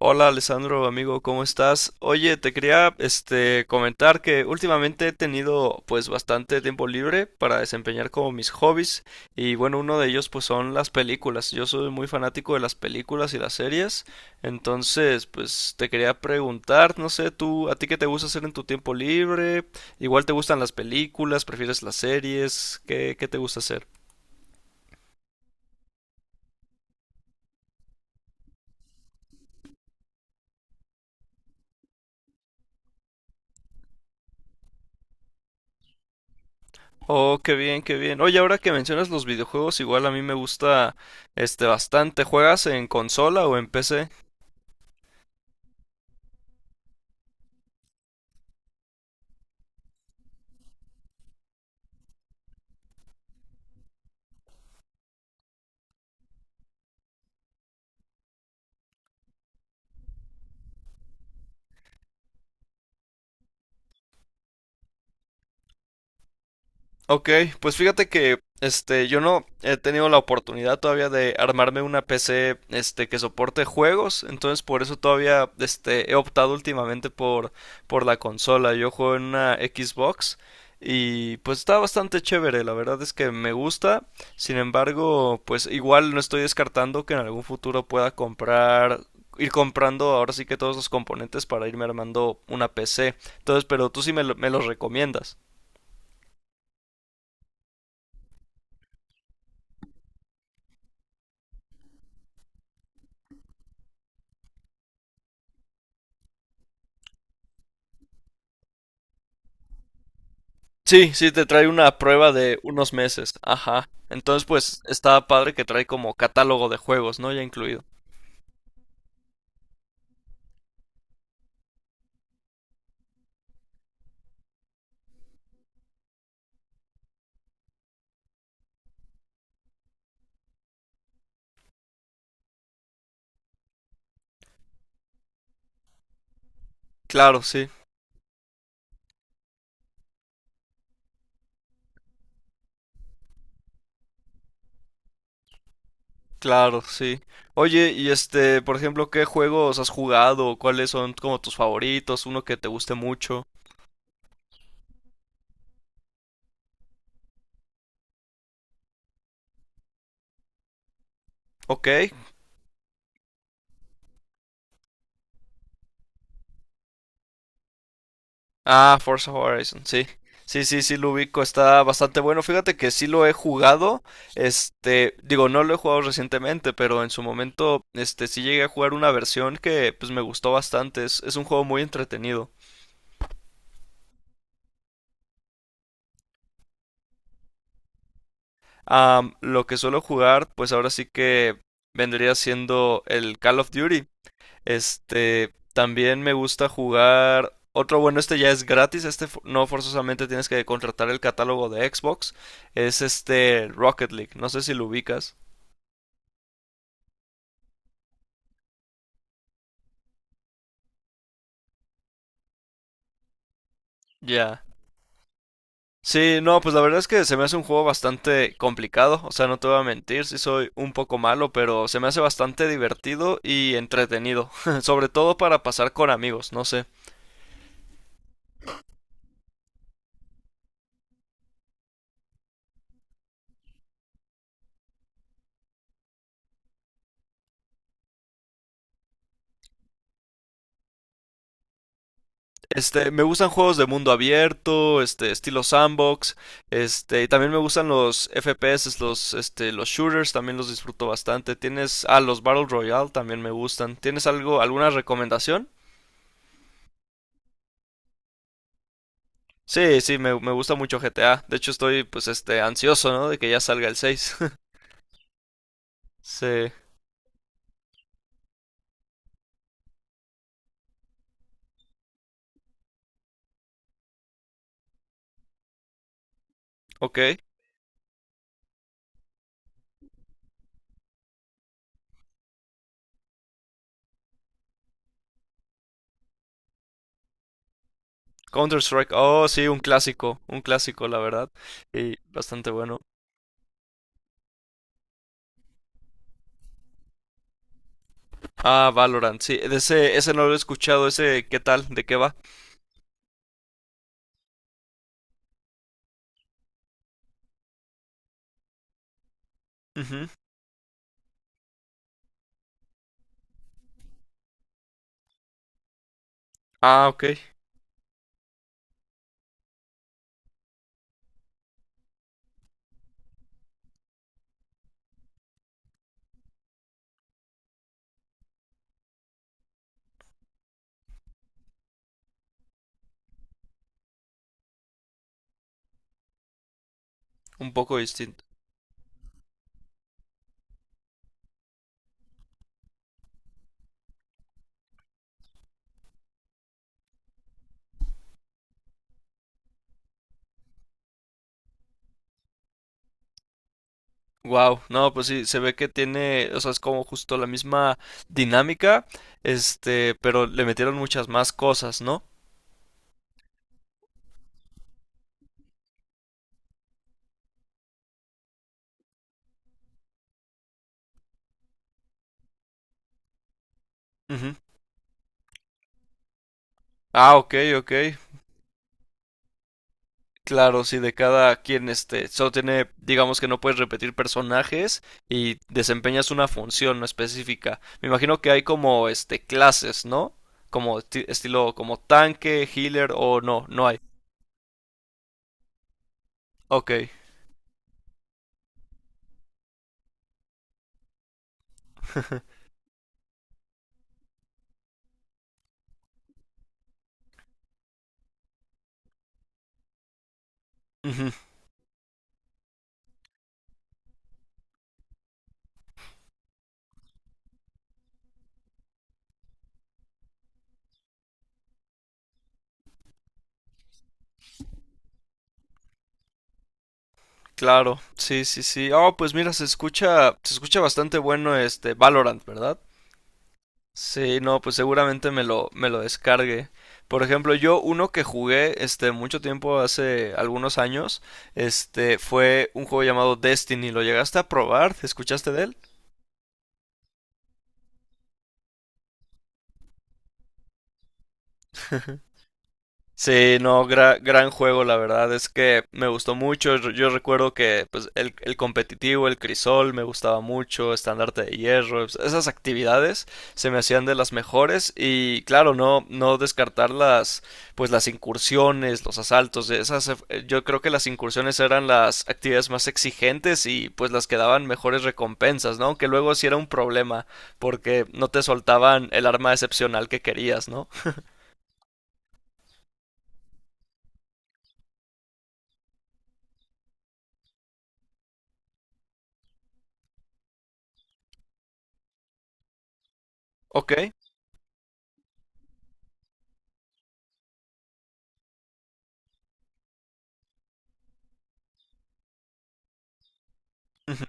Hola Alessandro, amigo, ¿cómo estás? Oye, te quería comentar que últimamente he tenido pues bastante tiempo libre para desempeñar como mis hobbies y bueno, uno de ellos pues son las películas. Yo soy muy fanático de las películas y las series, entonces pues te quería preguntar, no sé, tú, ¿a ti qué te gusta hacer en tu tiempo libre? Igual te gustan las películas, prefieres las series, ¿qué te gusta hacer? Oh, qué bien, qué bien. Oye, ahora que mencionas los videojuegos, igual a mí me gusta bastante. ¿Juegas en consola o en PC? Ok, pues fíjate que yo no he tenido la oportunidad todavía de armarme una PC que soporte juegos, entonces por eso todavía he optado últimamente por la consola. Yo juego en una Xbox y pues está bastante chévere, la verdad es que me gusta, sin embargo, pues igual no estoy descartando que en algún futuro pueda comprar, ir comprando ahora sí que todos los componentes para irme armando una PC. Entonces, pero tú sí me los recomiendas. Sí, sí, te trae una prueba de unos meses. Ajá. Entonces, pues está padre que trae como catálogo de juegos, ¿no? Ya incluido. Claro, sí, claro, sí. Oye, y por ejemplo, ¿qué juegos has jugado? ¿Cuáles son como tus favoritos? ¿Uno que te guste mucho? Ok. Ah, Forza Horizon, sí. Sí, sí, sí, lo ubico, está bastante bueno. Fíjate que sí lo he jugado, digo, no lo he jugado recientemente, pero en su momento, sí llegué a jugar una versión que, pues, me gustó bastante. Es un juego muy entretenido. Lo que suelo jugar, pues ahora sí que vendría siendo el Call of Duty. También me gusta jugar. Otro bueno, este ya es gratis. No forzosamente tienes que contratar el catálogo de Xbox. Es Rocket League. No sé si lo ubicas. Ya. Sí, no, pues la verdad es que se me hace un juego bastante complicado. O sea, no te voy a mentir, sí soy un poco malo, pero se me hace bastante divertido y entretenido. Sobre todo para pasar con amigos. No sé. Me gustan juegos de mundo abierto, estilo sandbox, y también me gustan los FPS, los shooters, también los disfruto bastante. Tienes, los Battle Royale también me gustan. ¿Tienes algo, alguna recomendación? Sí, sí, me gusta mucho GTA. De hecho, estoy, pues, ansioso, ¿no? De que ya salga el 6. Sí, ok. Counter-Strike, oh, sí, un clásico, la verdad, y bastante bueno. Ah, Valorant, sí, ese no lo he escuchado, ese, ¿qué tal? ¿De qué va? Ujú. Ah, ok. Un poco distinto. Wow, no, pues sí, se ve que tiene, o sea, es como justo la misma dinámica, pero le metieron muchas más cosas, ¿no? Ujú. Ah, ok, ok. Claro, sí, de cada quien, solo tiene, digamos que no puedes repetir personajes y desempeñas una función no específica. Me imagino que hay como, clases, ¿no? Como estilo, como tanque, healer o no, no hay. Ok. Claro, sí, sí, sí. Oh, pues mira, se escucha bastante bueno este Valorant, ¿verdad? Sí, no, pues seguramente me lo descargue. Por ejemplo, yo uno que jugué mucho tiempo hace algunos años, este fue un juego llamado Destiny. ¿Lo llegaste a probar? ¿Escuchaste de él? Sí, no, gran juego, la verdad es que me gustó mucho. Yo recuerdo que pues, el competitivo, el crisol, me gustaba mucho, estandarte de hierro, esas actividades se me hacían de las mejores y claro, no, no descartar las, pues las incursiones, los asaltos, de esas, yo creo que las incursiones eran las actividades más exigentes y pues las que daban mejores recompensas, ¿no? Aunque luego sí era un problema porque no te soltaban el arma excepcional que querías, ¿no? Ok. Ujú.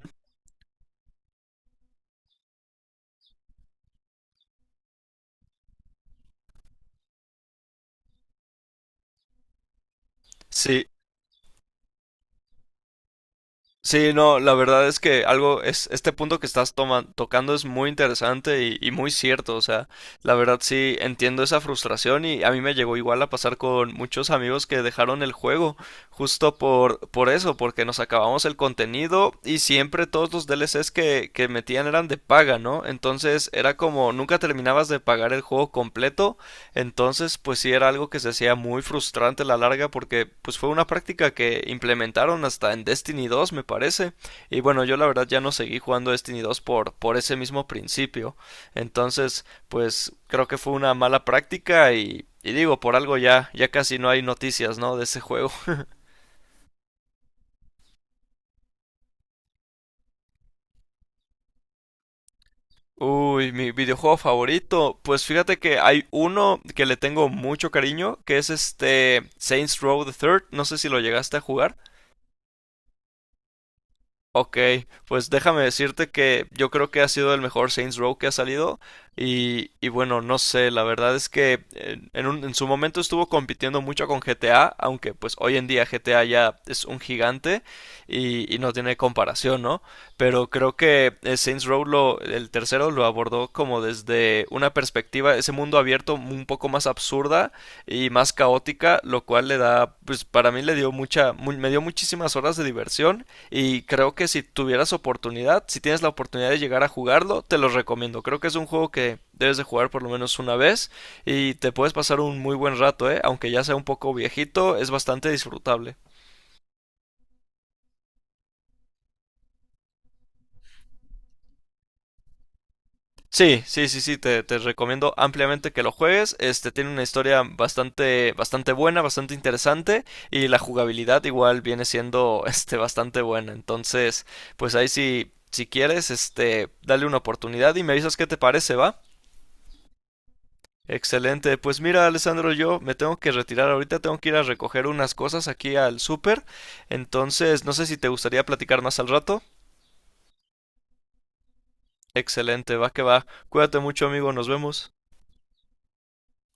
Sí, sí, no, la verdad es que este punto que estás tocando es muy interesante y muy cierto, o sea, la verdad sí entiendo esa frustración y a mí me llegó igual a pasar con muchos amigos que dejaron el juego justo por eso, porque nos acabamos el contenido y siempre todos los DLCs que metían eran de paga, ¿no? Entonces era como nunca terminabas de pagar el juego completo entonces, pues sí era algo que se hacía muy frustrante a la larga porque pues fue una práctica que implementaron hasta en Destiny 2, me parece. Y bueno, yo la verdad ya no seguí jugando Destiny 2 por ese mismo principio. Entonces, pues creo que fue una mala práctica y digo, por algo ya, ya casi no hay noticias, ¿no? De ese juego. Uy, mi videojuego favorito. Pues fíjate que hay uno que le tengo mucho cariño, que es Saints Row the Third. No sé si lo llegaste a jugar. Ok, pues déjame decirte que yo creo que ha sido el mejor Saints Row que ha salido y bueno, no sé, la verdad es que en su momento estuvo compitiendo mucho con GTA, aunque pues hoy en día GTA ya es un gigante y no tiene comparación, ¿no? Pero creo que Saints Row el tercero lo abordó como desde una perspectiva, ese mundo abierto un poco más absurda y más caótica, lo cual le da, pues para mí le dio me dio muchísimas horas de diversión. Y creo que si tuvieras oportunidad, si tienes la oportunidad de llegar a jugarlo, te lo recomiendo. Creo que es un juego que debes de jugar por lo menos una vez y te puedes pasar un muy buen rato, ¿eh? Aunque ya sea un poco viejito, es bastante disfrutable. Sí, sí, sí, sí, te recomiendo ampliamente que lo juegues. Este tiene una historia bastante, bastante buena, bastante interesante y la jugabilidad igual viene siendo bastante buena. Entonces, pues ahí sí, si quieres, dale una oportunidad y me avisas qué te parece, ¿va? Excelente. Pues mira, Alessandro, yo me tengo que retirar ahorita, tengo que ir a recoger unas cosas aquí al súper. Entonces, no sé si te gustaría platicar más al rato. Excelente, va que va. Cuídate mucho, amigo, nos vemos.